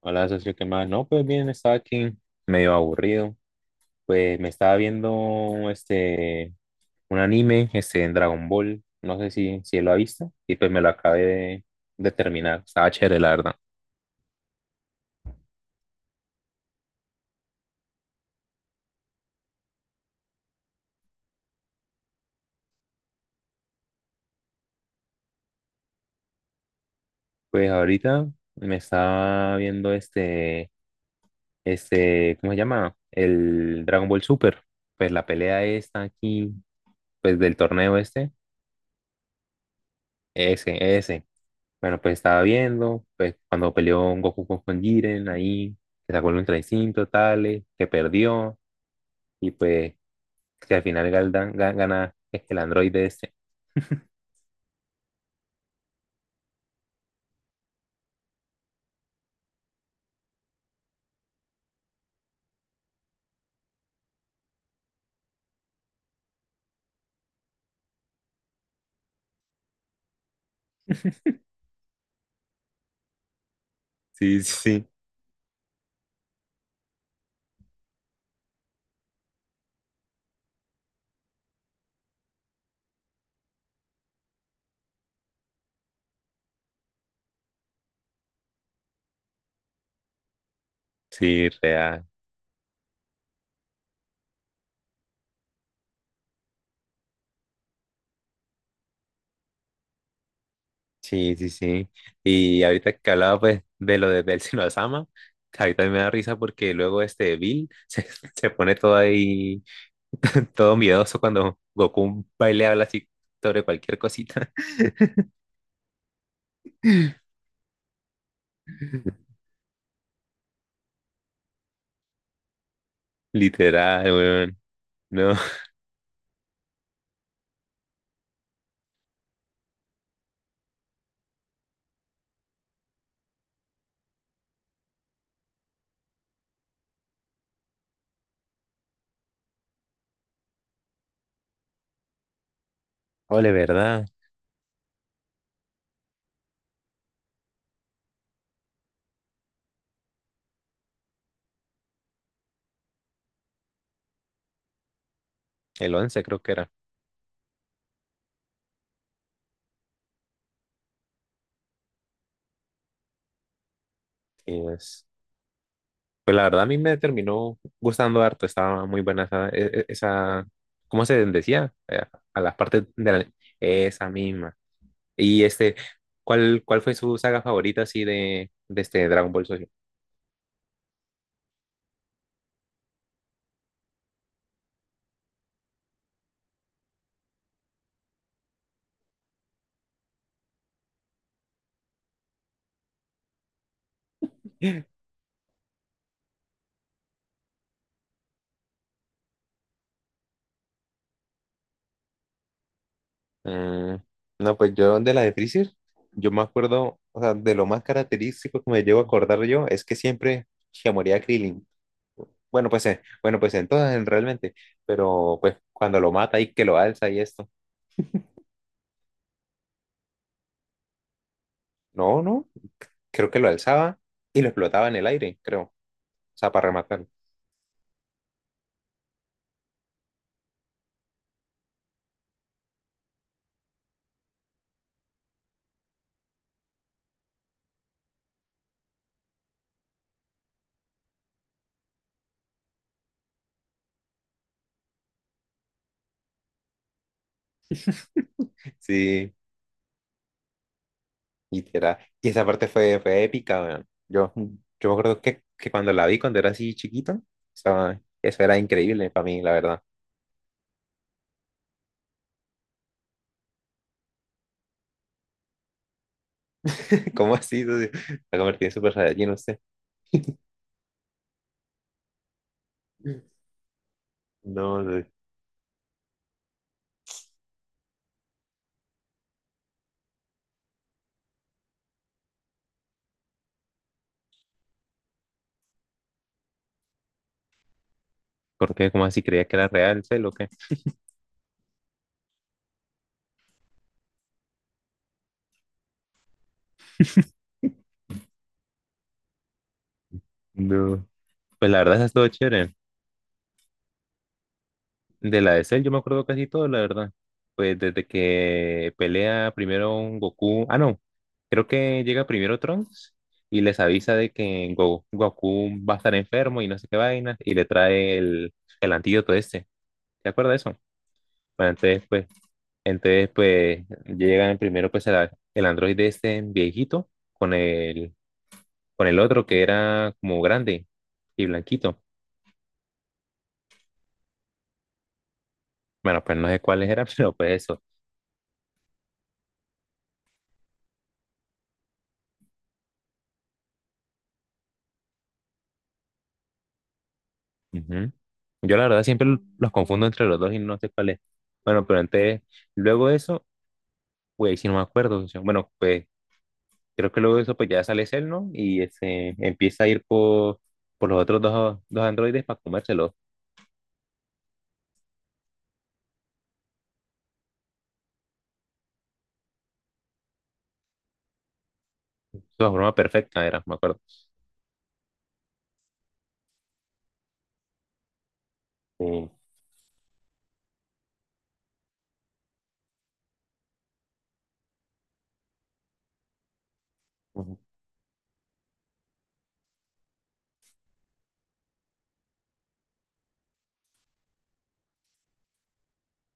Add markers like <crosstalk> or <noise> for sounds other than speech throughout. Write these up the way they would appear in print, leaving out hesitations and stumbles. Hola, socio, ¿qué más? No, pues bien, estaba aquí medio aburrido. Pues me estaba viendo un anime, en Dragon Ball. No sé si lo ha visto. Y pues me lo acabé de terminar. Estaba chévere, la verdad. Pues ahorita me estaba viendo ¿cómo se llama? El Dragon Ball Super. Pues la pelea esta aquí, pues del torneo este. Ese, ese. Bueno, pues estaba viendo, pues cuando peleó un Goku con Jiren ahí, que sacó el Ultra Instinto, tales, que perdió, y pues que al final Galdan gana es el androide ese. Sí, sí, sí, real. Sí, sí, sí. Y ahorita que hablaba pues de lo de, del <laughs> Shinozama, ahorita me da risa porque luego este Bill <laughs> se pone todo ahí, <laughs> todo miedoso cuando Goku va y le habla así sobre cualquier cosita. <laughs> Literal, weón. No. Ole, ¿verdad? El 11 creo que era. Y es- Pues la verdad a mí me terminó gustando harto, estaba muy buena esa, ¿cómo se decía? A las partes de la... Esa misma. Y ¿cuál fue su saga favorita así de este Dragon Ball Social? <gasps> Mm, no, pues yo de la de Freezer, yo me acuerdo, o sea, de lo más característico que me llevo a acordar yo es que siempre se moría Krillin. Bueno, pues entonces realmente, pero pues cuando lo mata y que lo alza y esto. No, no, creo que lo alzaba y lo explotaba en el aire, creo. O sea, para rematar. Sí, literal. Y esa parte fue épica, weón. Yo me acuerdo que cuando la vi cuando era así chiquito, eso era increíble para mí, la verdad. <laughs> ¿Cómo así, socio? La convertí en Super Saiyajin, usted. No, no sé. ¿Por qué? ¿Cómo así? ¿Creía que era real, sé lo que? No. Pues la verdad, eso estuvo chévere. De la de Cell, yo me acuerdo casi todo, la verdad. Pues desde que pelea primero un Goku. Ah, no. Creo que llega primero Trunks y les avisa de que Goku va a estar enfermo y no sé qué vainas. Y le trae el antídoto este. ¿Te acuerdas de eso? Bueno, entonces, pues, llegan primero pues el androide este viejito con con el otro que era como grande y blanquito. Bueno, pues no sé cuáles eran, <laughs> pero pues eso. Ujú. Yo la verdad siempre los confundo entre los dos y no sé cuál es. Bueno, pero antes, luego de eso, pues si no me acuerdo. O sea, bueno, pues creo que luego de eso pues ya sale Cell, ¿no? Y ese empieza a ir por los otros dos androides para comérselos. Su forma perfecta era, me acuerdo. Sí. Ujú.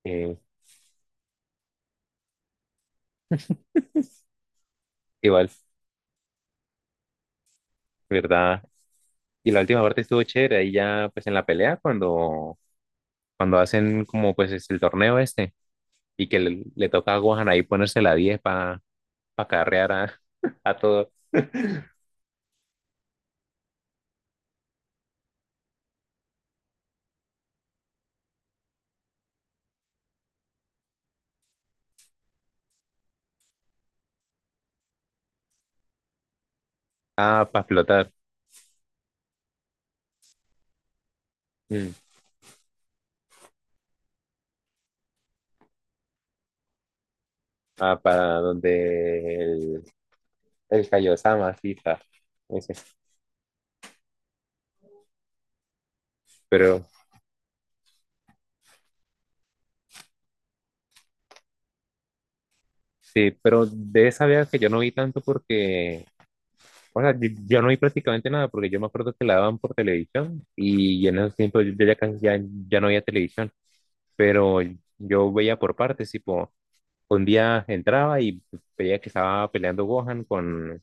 Eh, igual, ¿verdad? Y la última parte estuvo chévere, ahí ya pues en la pelea cuando hacen como pues es el torneo este y que le toca a Gohan ahí ponerse la 10 para carrear a, <laughs> a todo. Ah, para flotar. Mm. Ah, para donde el Kaiosama, sí, está. Ese. Pero sí, pero de esa vez que yo no vi tanto porque, o sea, yo no vi prácticamente nada porque yo me acuerdo que la daban por televisión y en esos tiempos yo ya casi ya, ya no veía televisión, pero yo veía por partes, tipo, un día entraba y veía que estaba peleando Gohan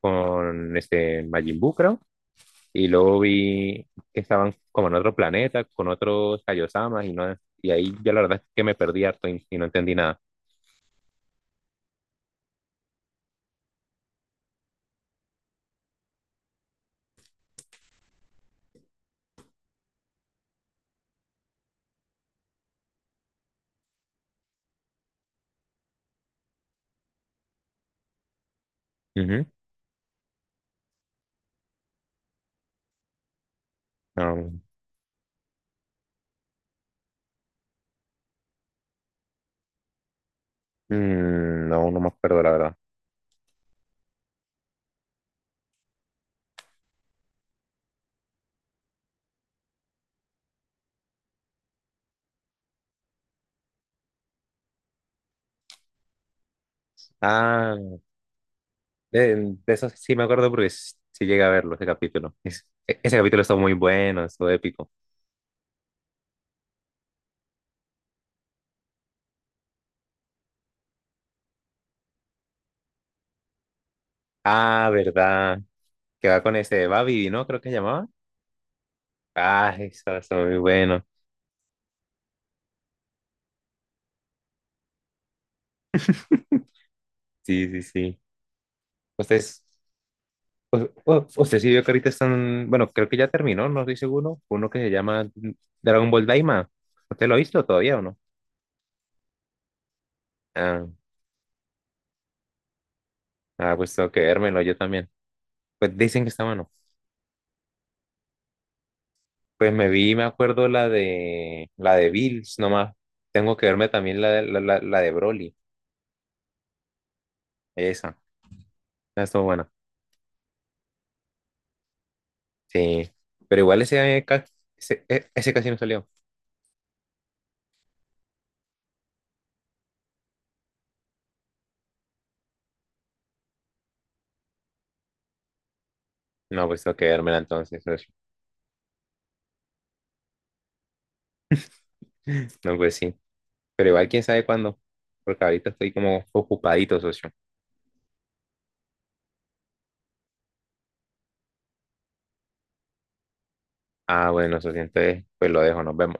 con este Majin Buu, creo. Y luego vi que estaban como en otro planeta, con otros Kaiosamas, y, no, y ahí yo la verdad es que me perdí harto y no entendí nada. Ujú. No, no me acuerdo la verdad. Ah, de, de eso sí me acuerdo porque sí llegué a verlo, ese capítulo. Ese capítulo está muy bueno, estuvo épico. Ah, verdad, que va con ese Babi, ¿no? Creo que se llamaba. Ah, eso está muy bueno. Sí, sí, sí. Entonces, usted sí vio que ahorita están, bueno, creo que ya terminó, no estoy seguro, uno que se llama Dragon Ball Daima. ¿Usted lo ha visto todavía o no? Ah, ah, pues tengo que vérmelo yo también. Pues dicen que está bueno. Pues me vi, me acuerdo la de Bills nomás. Tengo que verme también la de la de Broly. Esa, esa estuvo buena. Sí, pero igual ese casi no salió. No, pues tengo que vérmela entonces, socio. <laughs> No, pues sí. Pero igual quién sabe cuándo, porque ahorita estoy como ocupadito, socio. Ah, bueno, eso sí, entonces, pues lo dejo, nos vemos.